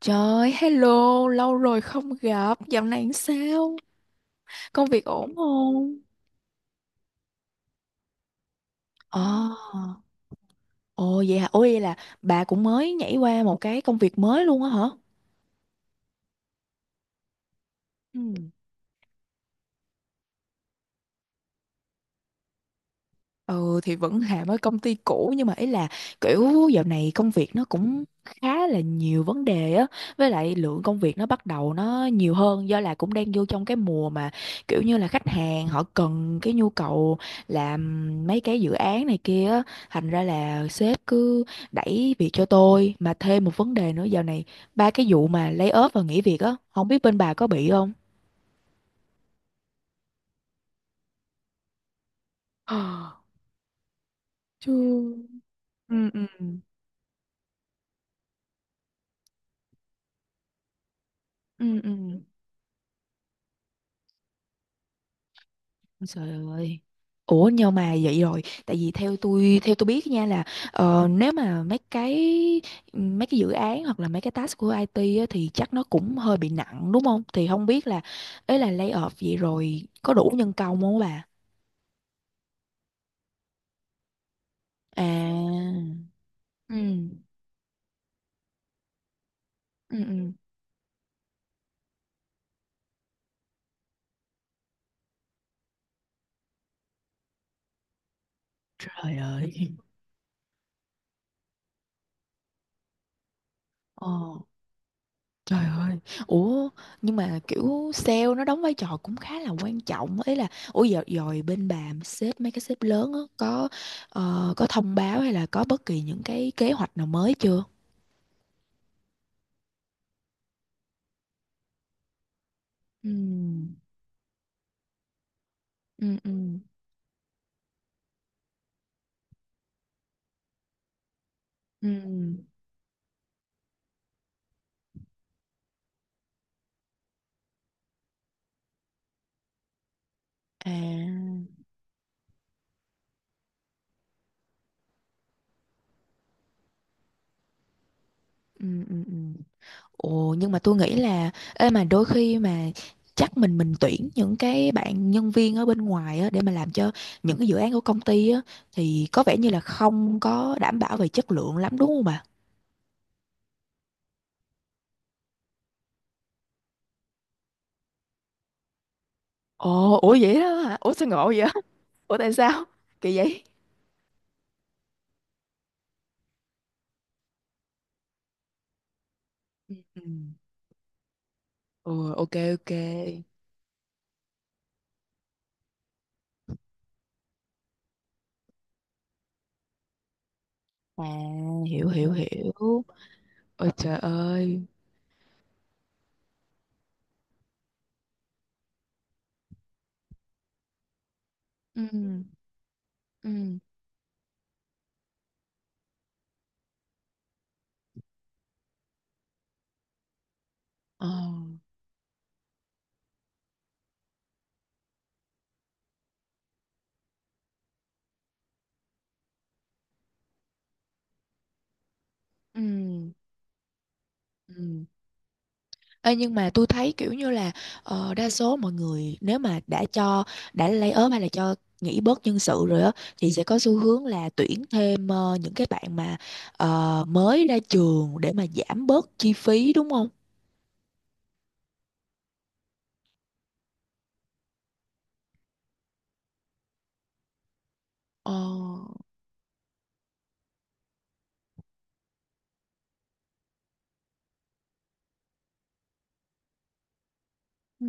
Trời, hello, lâu rồi không gặp, dạo này làm sao? Công việc ổn không? Ờ, Ồ vậy hả? Ồ vậy là bà cũng mới nhảy qua một cái công việc mới luôn á hả? Ừ. Ừ thì vẫn làm ở công ty cũ nhưng mà ý là kiểu dạo này công việc nó cũng khá là nhiều vấn đề á, với lại lượng công việc nó bắt đầu nó nhiều hơn do là cũng đang vô trong cái mùa mà kiểu như là khách hàng họ cần cái nhu cầu làm mấy cái dự án này kia á, thành ra là sếp cứ đẩy việc cho tôi. Mà thêm một vấn đề nữa dạo này, ba cái vụ mà lay off và nghỉ việc á, không biết bên bà có bị không? Ừ. Ừ, ừ, ừ. Ừ. Ôi Trời ơi. Ủa nhưng mà vậy rồi, tại vì theo tôi biết nha là nếu mà mấy cái dự án hoặc là mấy cái task của IT á, thì chắc nó cũng hơi bị nặng đúng không? Thì không biết là ấy, là lay off vậy rồi có đủ nhân công không bà? À. Ừ. Ừ ừ. Trời ơi. Ờ. Trời ơi, ủa nhưng mà kiểu sale nó đóng vai trò cũng khá là quan trọng ấy, là ủa giờ rồi bên bà sếp mấy cái sếp lớn á có có thông báo hay là có bất kỳ những cái kế hoạch nào mới chưa? Ừ, ừ, ừ, ừ, à, ừ, ừ, ừ. Ồ nhưng mà tôi nghĩ là ê, mà đôi khi mà chắc mình tuyển những cái bạn nhân viên ở bên ngoài á để mà làm cho những cái dự án của công ty á, thì có vẻ như là không có đảm bảo về chất lượng lắm đúng không bà? Ồ, ủa vậy đó hả? Ủa sao ngộ vậy? Ủa tại sao? Kỳ vậy? Ừ. Ừ. Ừ, ok ok. À, hiểu hiểu hiểu. Ôi trời ơi. Ừ ừ. Ờ. Ừ ừ. Ê, nhưng mà tôi thấy kiểu như là đa số mọi người nếu mà đã cho đã lay ốm hay là cho nghỉ bớt nhân sự rồi á, thì sẽ có xu hướng là tuyển thêm, những cái bạn mà mới ra trường để mà giảm bớt chi phí đúng không? Ờ. Ừ.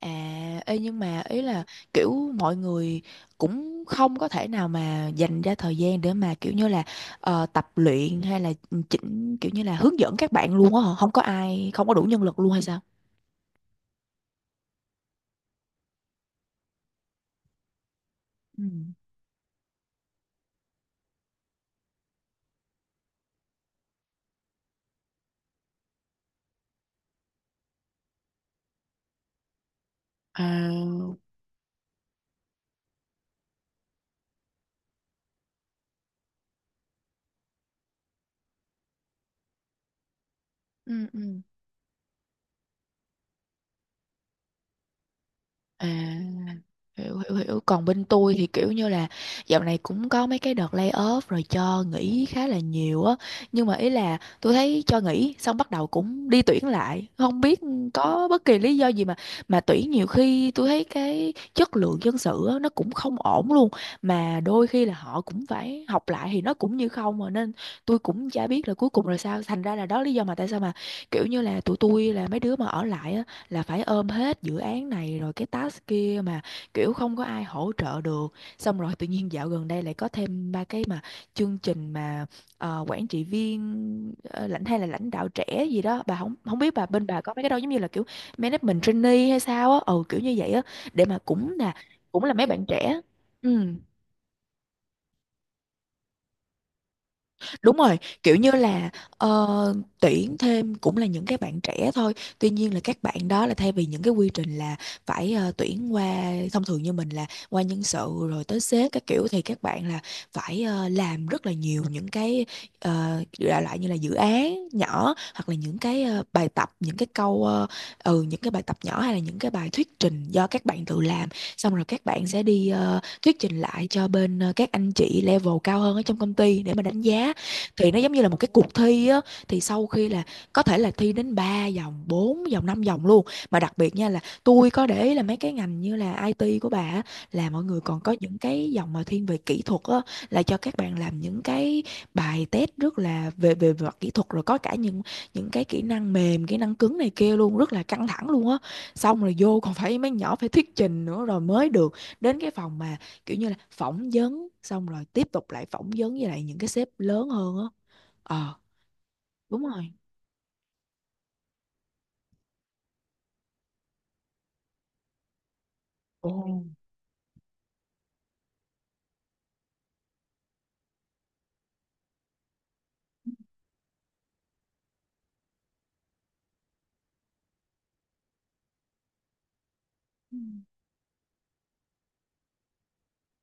À, ê nhưng mà ý là kiểu mọi người cũng không có thể nào mà dành ra thời gian để mà kiểu như là tập luyện hay là chỉnh kiểu như là hướng dẫn các bạn luôn á hả? Không có ai, không có đủ nhân lực luôn hay sao? Ừ. À, Ừ, ừ. À. Hiểu hiểu hiểu. Còn bên tôi thì kiểu như là dạo này cũng có mấy cái đợt lay off rồi cho nghỉ khá là nhiều á, nhưng mà ý là tôi thấy cho nghỉ xong bắt đầu cũng đi tuyển lại, không biết có bất kỳ lý do gì mà tuyển nhiều khi tôi thấy cái chất lượng nhân sự á, nó cũng không ổn luôn, mà đôi khi là họ cũng phải học lại thì nó cũng như không mà, nên tôi cũng chả biết là cuối cùng là sao. Thành ra là đó lý do mà tại sao mà kiểu như là tụi tôi là mấy đứa mà ở lại á là phải ôm hết dự án này rồi cái task kia mà kiểu không có ai hỗ trợ được. Xong rồi tự nhiên dạo gần đây lại có thêm ba cái mà chương trình mà quản trị viên, lãnh hay là lãnh đạo trẻ gì đó bà, không không biết bà bên bà có mấy cái đâu giống như là kiểu management trainee hay sao á, ừ kiểu như vậy á, để mà cũng là mấy bạn trẻ. Ừ. Đúng rồi, kiểu như là ờ, tuyển thêm cũng là những cái bạn trẻ thôi. Tuy nhiên là các bạn đó là thay vì những cái quy trình là phải tuyển qua thông thường như mình là qua nhân sự rồi tới sếp các kiểu, thì các bạn là phải làm rất là nhiều những cái đại loại như là dự án nhỏ hoặc là những cái bài tập, những cái câu ừ những cái bài tập nhỏ hay là những cái bài thuyết trình do các bạn tự làm. Xong rồi các bạn sẽ đi thuyết trình lại cho bên các anh chị level cao hơn ở trong công ty để mà đánh giá, thì nó giống như là một cái cuộc thi á. Thì sau khi là có thể là thi đến 3 vòng 4 vòng 5 vòng luôn. Mà đặc biệt nha là tôi có để ý là mấy cái ngành như là IT của bà á, là mọi người còn có những cái dòng mà thiên về kỹ thuật á, là cho các bạn làm những cái bài test rất là về về mặt kỹ thuật, rồi có cả những cái kỹ năng mềm kỹ năng cứng này kia luôn, rất là căng thẳng luôn á. Xong rồi vô còn phải mấy nhỏ phải thuyết trình nữa rồi mới được đến cái phòng mà kiểu như là phỏng vấn, xong rồi tiếp tục lại phỏng vấn với lại những cái sếp lớn hơn á. Ờ đúng rồi. Ồ.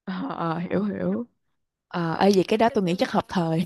Ờ, ờ, hiểu hiểu. Ờ ê vậy cái đó tôi nghĩ chắc hợp thời.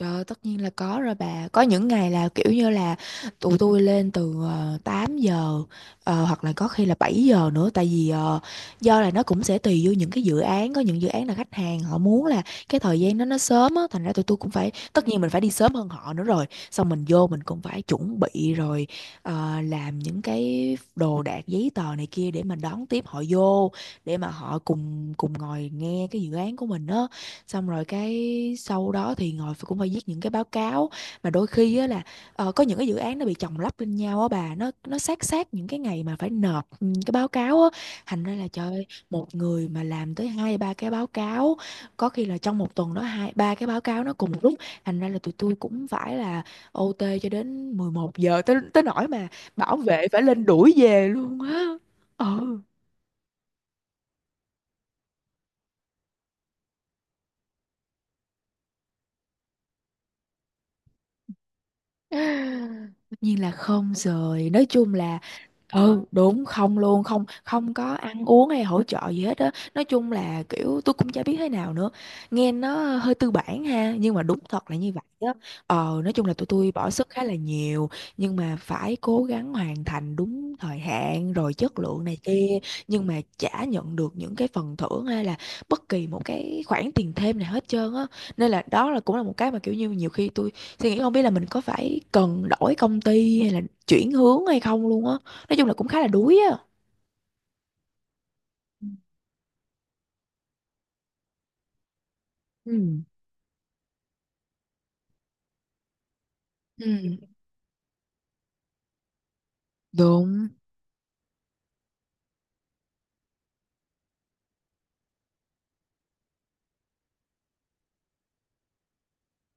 Trời ơi, tất nhiên là có rồi bà. Có những ngày là kiểu như là tụi tôi lên từ 8 giờ, hoặc là có khi là 7 giờ nữa, tại vì do là nó cũng sẽ tùy vô những cái dự án, có những dự án là khách hàng họ muốn là cái thời gian đó nó sớm á, thành ra tụi tôi cũng phải tất nhiên mình phải đi sớm hơn họ nữa rồi. Xong mình vô mình cũng phải chuẩn bị rồi làm những cái đồ đạc giấy tờ này kia để mà đón tiếp họ vô, để mà họ cùng cùng ngồi nghe cái dự án của mình á, xong rồi cái sau đó thì cũng phải viết những cái báo cáo. Mà đôi khi á là có những cái dự án nó bị chồng lấp lên nhau á bà, nó sát sát những cái ngày mà phải nộp ừ, cái báo cáo á, thành ra là trời ơi, một người mà làm tới hai ba cái báo cáo, có khi là trong một tuần đó hai ba cái báo cáo nó cùng một lúc. Thành ra là tụi tôi cũng phải là OT cho đến 11 giờ, tới tới nỗi mà bảo vệ phải lên đuổi về luôn á. Ừ tất nhiên là không rồi, nói chung là ừ đúng không luôn, không không có ăn uống hay hỗ trợ gì hết á, nói chung là kiểu tôi cũng chả biết thế nào nữa, nghe nó hơi tư bản ha, nhưng mà đúng thật là như vậy á. Ờ nói chung là tụi tôi bỏ sức khá là nhiều, nhưng mà phải cố gắng hoàn thành đúng thời hạn rồi chất lượng này kia, nhưng mà chả nhận được những cái phần thưởng hay là bất kỳ một cái khoản tiền thêm nào hết trơn á, nên là đó là cũng là một cái mà kiểu như nhiều khi tôi suy nghĩ không biết là mình có phải cần đổi công ty hay là chuyển hướng hay không luôn á, nói chung là cũng khá là đuối á. Ừ. Ừ đúng.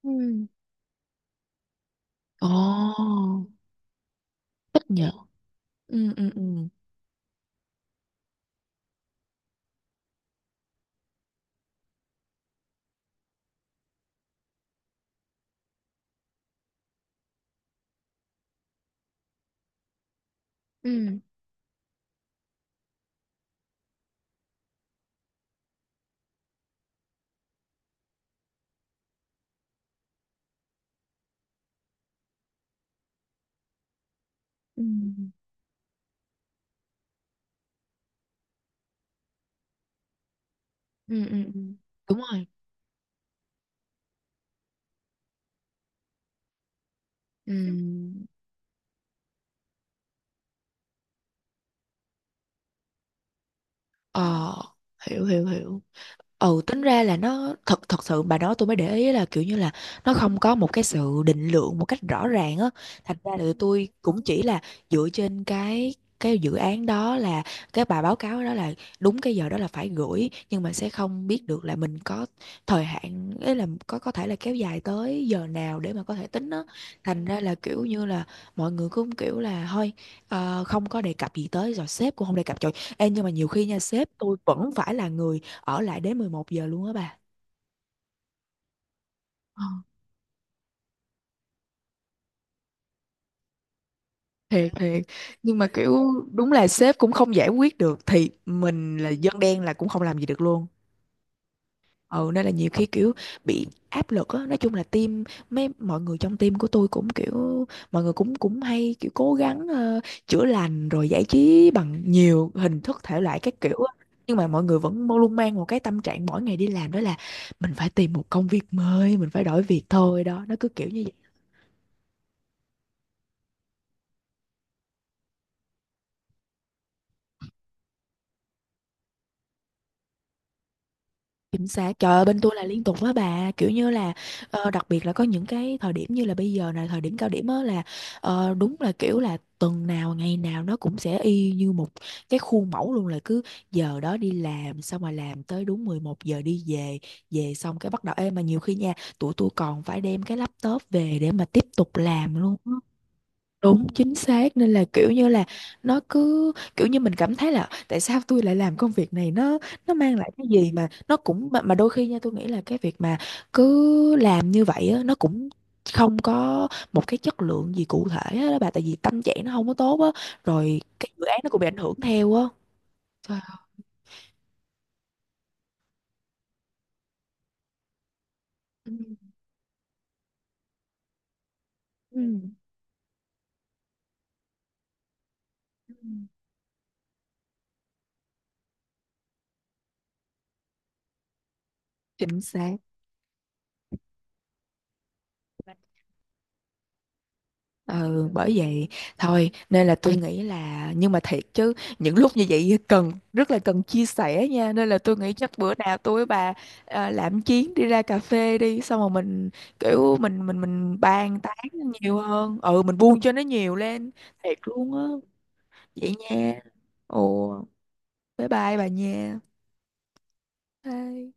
Ừ. Ồ thích nhờ. Ừ ừ ừ. Ừ. Ừ. Ừ. Ừ. Ừ. Đúng rồi. Ừ. Ờ hiểu hiểu hiểu. Ừ tính ra là nó thật thật sự bà nói tôi mới để ý là kiểu như là nó không có một cái sự định lượng một cách rõ ràng á, thành ra là tôi cũng chỉ là dựa trên cái dự án đó là cái bài báo cáo đó là đúng cái giờ đó là phải gửi, nhưng mà sẽ không biết được là mình có thời hạn ấy là có thể là kéo dài tới giờ nào để mà có thể tính á, thành ra là kiểu như là mọi người cũng kiểu là thôi không có đề cập gì tới, rồi sếp cũng không đề cập. Trời, ê, nhưng mà nhiều khi nha sếp tôi vẫn phải là người ở lại đến 11 giờ luôn á bà. Ờ, thiệt thiệt nhưng mà kiểu đúng là sếp cũng không giải quyết được thì mình là dân đen là cũng không làm gì được luôn. Ừ nên là nhiều khi kiểu bị áp lực á, nói chung là team mấy mọi người trong team của tôi cũng kiểu mọi người cũng cũng hay kiểu cố gắng chữa lành rồi giải trí bằng nhiều hình thức thể loại các kiểu á, nhưng mà mọi người vẫn luôn mang một cái tâm trạng mỗi ngày đi làm, đó là mình phải tìm một công việc mới, mình phải đổi việc thôi, đó nó cứ kiểu như vậy. Chính xác, trời ơi bên tôi là liên tục á bà kiểu như là đặc biệt là có những cái thời điểm như là bây giờ này, thời điểm cao điểm á là đúng là kiểu là tuần nào ngày nào nó cũng sẽ y như một cái khuôn mẫu luôn là cứ giờ đó đi làm, xong mà làm tới đúng 11 giờ đi về, về xong cái bắt đầu ê mà nhiều khi nha tụi tôi còn phải đem cái laptop về để mà tiếp tục làm luôn. Đúng chính xác, nên là kiểu như là nó cứ kiểu như mình cảm thấy là tại sao tôi lại làm công việc này, nó mang lại cái gì mà nó cũng mà đôi khi nha tôi nghĩ là cái việc mà cứ làm như vậy á, nó cũng không có một cái chất lượng gì cụ thể á đó bà, tại vì tâm trạng nó không có tốt á, rồi cái dự án nó cũng bị ảnh hưởng theo á. Trời ơi. Ừ. Ừ. Ừ. Chính xác. Ừ, bởi vậy thôi nên là tôi nghĩ là nhưng mà thiệt chứ những lúc như vậy cần rất là cần chia sẻ nha, nên là tôi nghĩ chắc bữa nào tôi với bà à, làm chuyến đi ra cà phê đi, xong rồi mình kiểu mình bàn tán nhiều hơn. Ừ mình buông cho nó nhiều lên, thiệt luôn á. Vậy nha. Ồ bye bye bà nha. Bye.